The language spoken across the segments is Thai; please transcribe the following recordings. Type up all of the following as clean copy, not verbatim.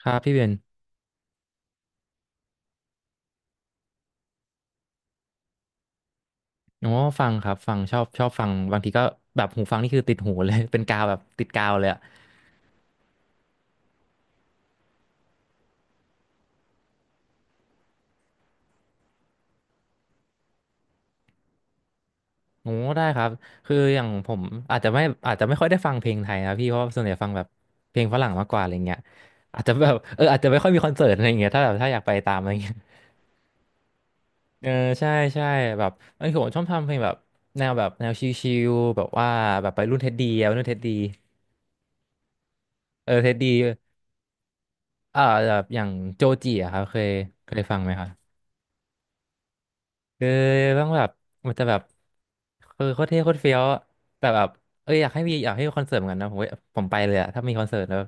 ครับพี่เบนอ๋อฟังครับฟังชอบชอบฟังบางทีก็แบบหูฟังนี่คือติดหูเลย เป็นกาวแบบติดกาวเลยอ่ะโอ้ได้ครับคืออย่างผมอาจจะไม่อาจจะไม่ค่อยได้ฟังเพลงไทยนะพี่เพราะว่าส่วนใหญ่ฟังแบบเพลงฝรั่งมากกว่าอะไรเงี้ยอาจจะแบบอาจจะไม่ค่อยมีคอนเสิร์ตอะไรเงี้ยถ้าแบบถ้าอยากไปตามอะไรเงี้ยเออใช่ใช่แบบผมชอบทำเพลงแบบแนวแบบแนวชิลๆแบบว่าแบบไปรุ่นเท็ดดี้อะวัยรุ่นเท็ดดี้เออเท็ดดี้อ่าแบบอย่างโจจีอะครับเคยฟังไหมครับ คือต้องแบบมันจะแบบคือโคตรเท่โคตรเฟี้ยวอะแต่แบบอยากให้มีอยากให้มีคอนเสิร์ตเหมือนกันนะผมผมไปเลยอะถ้ามีคอนเสิร์ตแล้ว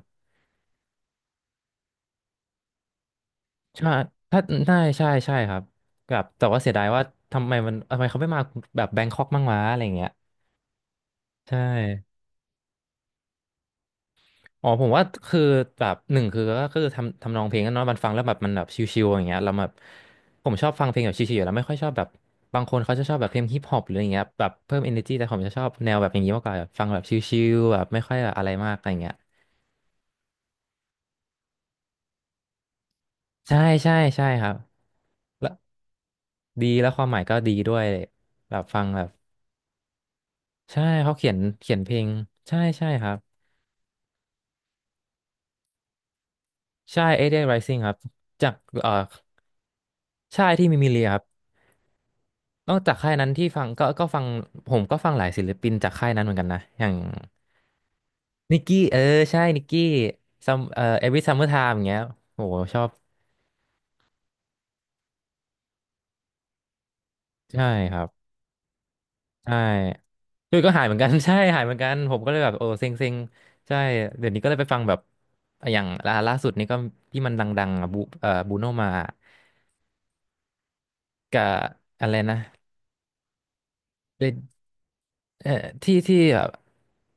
ใช่ถ้าได้ใช่ใช่ครับแบบแต่ว่าเสียดายว่าทำไมมันทำไมเขาไม่มาแบบแบงคอกมั่งวะอะไรอย่างเงี้ยใช่ อ๋อผมว่าคือแบบหนึ่งคือก็คือทำทำนองเพลงกันเนาะมันฟังแล้วแบบมันแบบชิวๆอย่างเงี้ยเราแบบผมชอบฟังเพลงแบบชิวๆอยู่แล้วไม่ค่อยชอบแบบบางคนเขาจะชอบแบบเพลงฮิปฮอปหรืออย่างเงี้ยแบบเพิ่ม energy แต่ผมจะชอบแนวแบบอย่างนี้มากกว่าแบบฟังแบบชิวๆแบบไม่ค่อยแบบอะไรมากอะไรเงี้ยใช่ใช่ใช่ครับแล้วดีแล้วความหมายก็ดีด้วยแบบฟังแบบใช่เขาเขียนเพลงใช่ใช่ครับใช่8 d e y Rising ครับจากเอ่อใช่ที่มีมิเลียครับ นอกจากค่ายนั้นที่ฟังก็ฟังผมก็ฟังหลายศิลปินจากค่ายนั้นเหมือนกันนะอย่างนิกกี้เออใช่นิกกี้ซัมเอวิซัมเมอร์ไทม์อย่างเงี้ยโหชอบใช่ครับใช่ด้ยก็หายเหมือนกัน ใช่หายเหมือนกันผมก็เลยแบบโอ้เซ็งเซ็งใช่เดี๋ยวนี้ก็เลยไปฟังแบบอย่างล่าสุดนี่ก็ที่มันดังๆอ่ะบูบูโนมากับอะไรนะเรดเอ่อที่ที่แบบ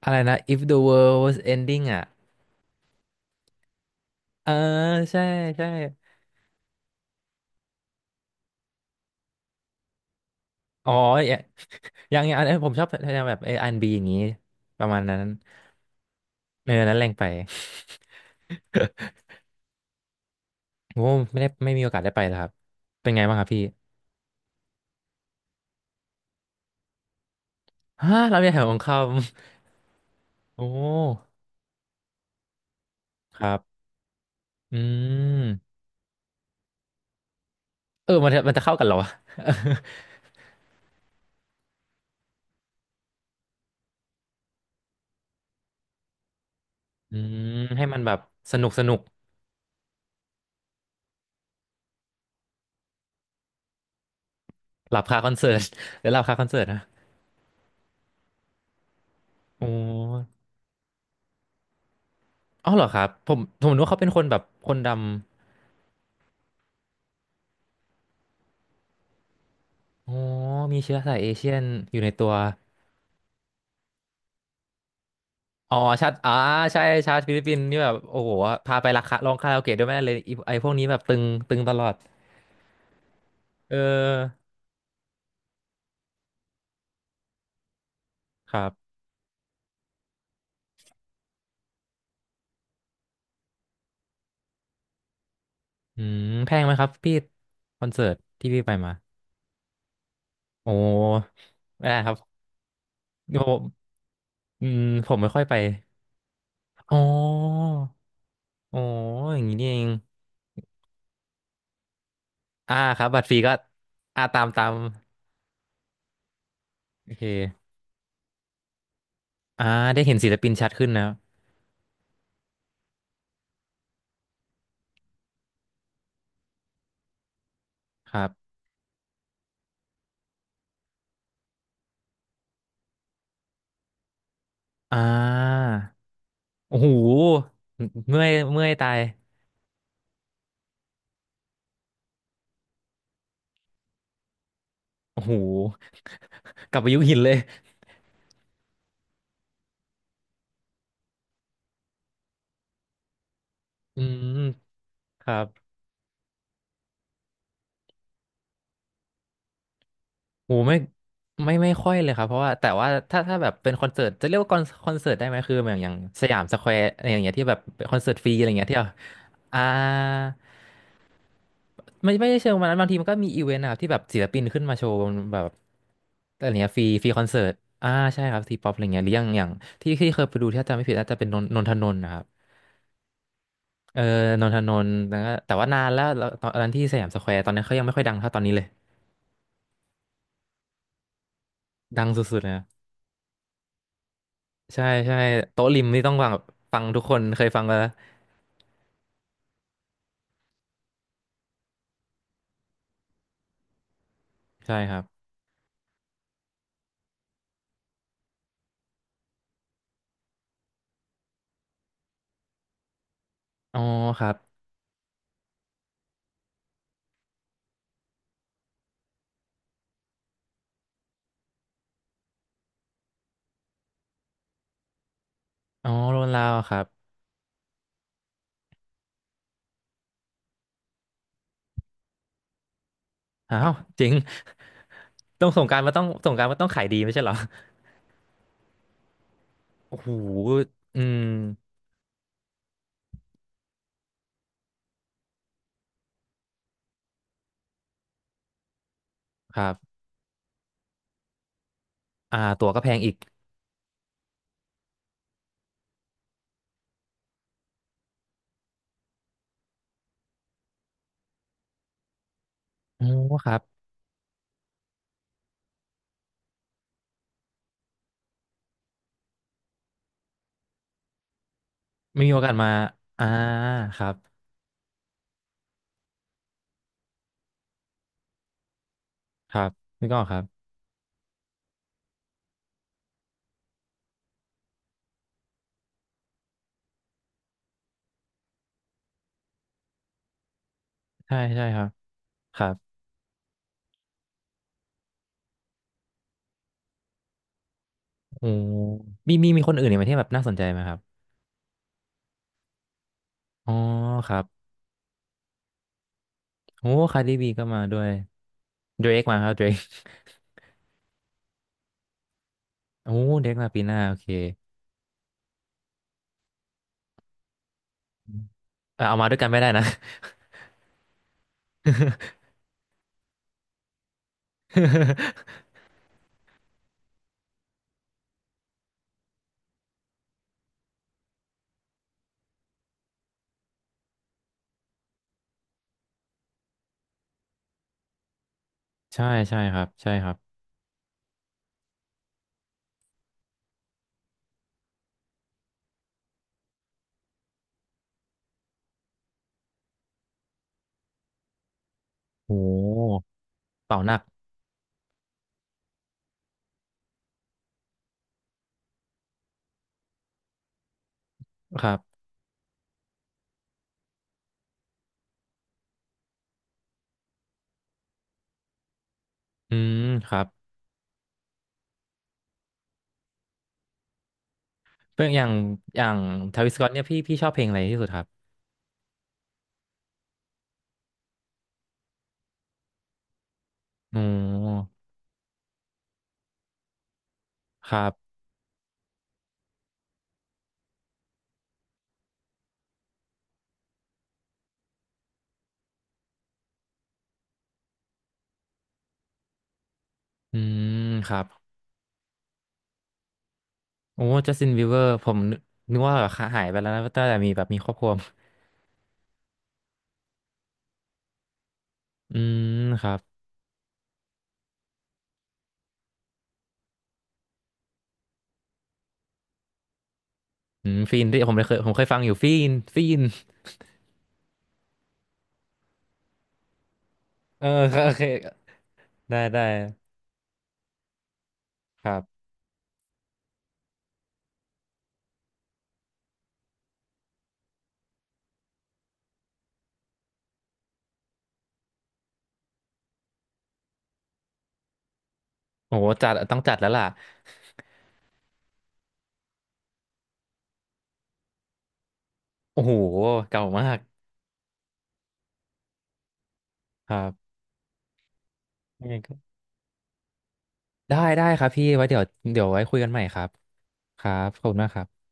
อะไรนะ If the world was ending อ่ะเออใช่ใช่อ๋อ ยังยังอันนี้ผมชอบแนวแบบอันบีอย่างนี้ประมาณนั้นเออนั้นแรงไป โอ้ไม่ได้ไม่มีโอกาสได้ไปแล้วครับเป็นไงบ้างครับพี่ฮะเราเนี่ยแถวของคำ โอ้ครับอืมเออมันจะมันจะเข้ากันเหรอวะ อืมให้มันแบบสนุกสนุกหลับคาคอนเสิร์ต หรือหลับคาคอนเสิร์ตนะโอ้อ้าวเหรอครับผมผมนึกว่าเขาเป็นคนแบบคนดำโอ้มีเชื้อสายเอเชียนอยู่ในตัว อ๋อชาติใช่ชาติฟิลิปปินส์นี่แบบโอ้โหพาไปราคาร้องคาราโอเกะด้วยแม่เลยไอ้ไอ้พวกนี้แบบตึงตึงตลอดเออครับอืมแพงไหมครับพี่คอนเสิร์ตที่พี่ไปมาโอ้ไม่ได้ครับผมอืมผมไม่ค่อยไปอ๋ออ๋ออย่างนี้นี่เองอ่าครับบัตรฟรีก็อ่าตามตามโอเคอ่าได้เห็นศิลปินชัดขึ้นนะครับครับอ่าโอ้โหเมื่อยเมื่อยตายโอ้โหกลับไปยุคหินเลย อืมครับโหไม่ไม่ไม่ค่อยเลยครับเพราะว่าแต่ว่าถ้าถ้าแบบเป็นคอนเสิร์ตจะเรียกว่าคอนคอนเสิร์ตได้ไหมคืออย่างอย่างสยามสแควร์อย่างเงี้ยที่แบบเป็นคอนเสิร์ตฟรีอะไรเงี้ยที่แบบอ่าไม่ไม่ได้เชิงวันนั้นบางทีมันก็มีอีเวนต์นะครับที่แบบศิลปินขึ้นมาโชว์บนแบบอะไรเงี้ยฟรีฟรีคอนเสิร์ตอ่าใช่ครับทีป๊อปอะไรเงี้ยหรืออย่างอย่างที่ที่เคยไปดูที่ถ้าจำไม่ผิดน่าจะเป็นนนนนทนนท์นะครับเออนนทนนท์แล้วก็แต่ว่านานแล้วแล้วตอนนั้นที่สยามสแควร์ตอนนั้นเขายังไม่ค่อยดังเท่าตอนนี้เลยดังสุดๆเลย ใช่ใช่โต๊ะริมนี่ต้องฟังแบบฟังทุกคนเคยฟังกันแล้วใช่ครับอ๋อครับอ๋อโรนลาวครับอ้าวจริงต้องส่งการมาต้องส่งการมาต้องขายดีไม่ใช่เหรอโอ้โหอืมครับอ่าตั๋วก็แพงอีกโอ้ครับไม่มีโอกาสมาอ่าครับครับนี่ก็ครับใช่ใช่ครับครับโอ้มีมีมีคนอื่นอีกไหมที่แบบน่าสนใจไหมครับอ๋อครับโอ้คาร์ดิบีก็มาด้วยเดรกมาครับเดรกโอ้เดรกมาปีหน้าโอเค เออเอามาด้วยกันไม่ได้นะ ใช่ใช่ครับใช่ครับโอ้เป่าหนักครับอืมครับเพื่ออย่างอย่างทาวิสก o อตเนี่ยพี่พี่ชอบเพลงอะไรที่สุดครับโอ้ครับอืมครับโอ้จัสตินบีเวอร์ผมนึกนึกว่าแบบหายไปแล้วนะตั้งแต่มีแบบมีครอบครัวอืมครับอืมฟีนที่ผมเคยผมเคยฟังอยู่ฟีนฟีนเออครับโอเคได้ได้ครับโอ้โหจัดต้องจัดแล้วล่ะโอ้โหเก่ามากครับ ได้ได้ครับพี่ไว้เดี๋ยวเดี๋ยวไว้คุยกันใหม่ครับครับขอบคุณมากครับ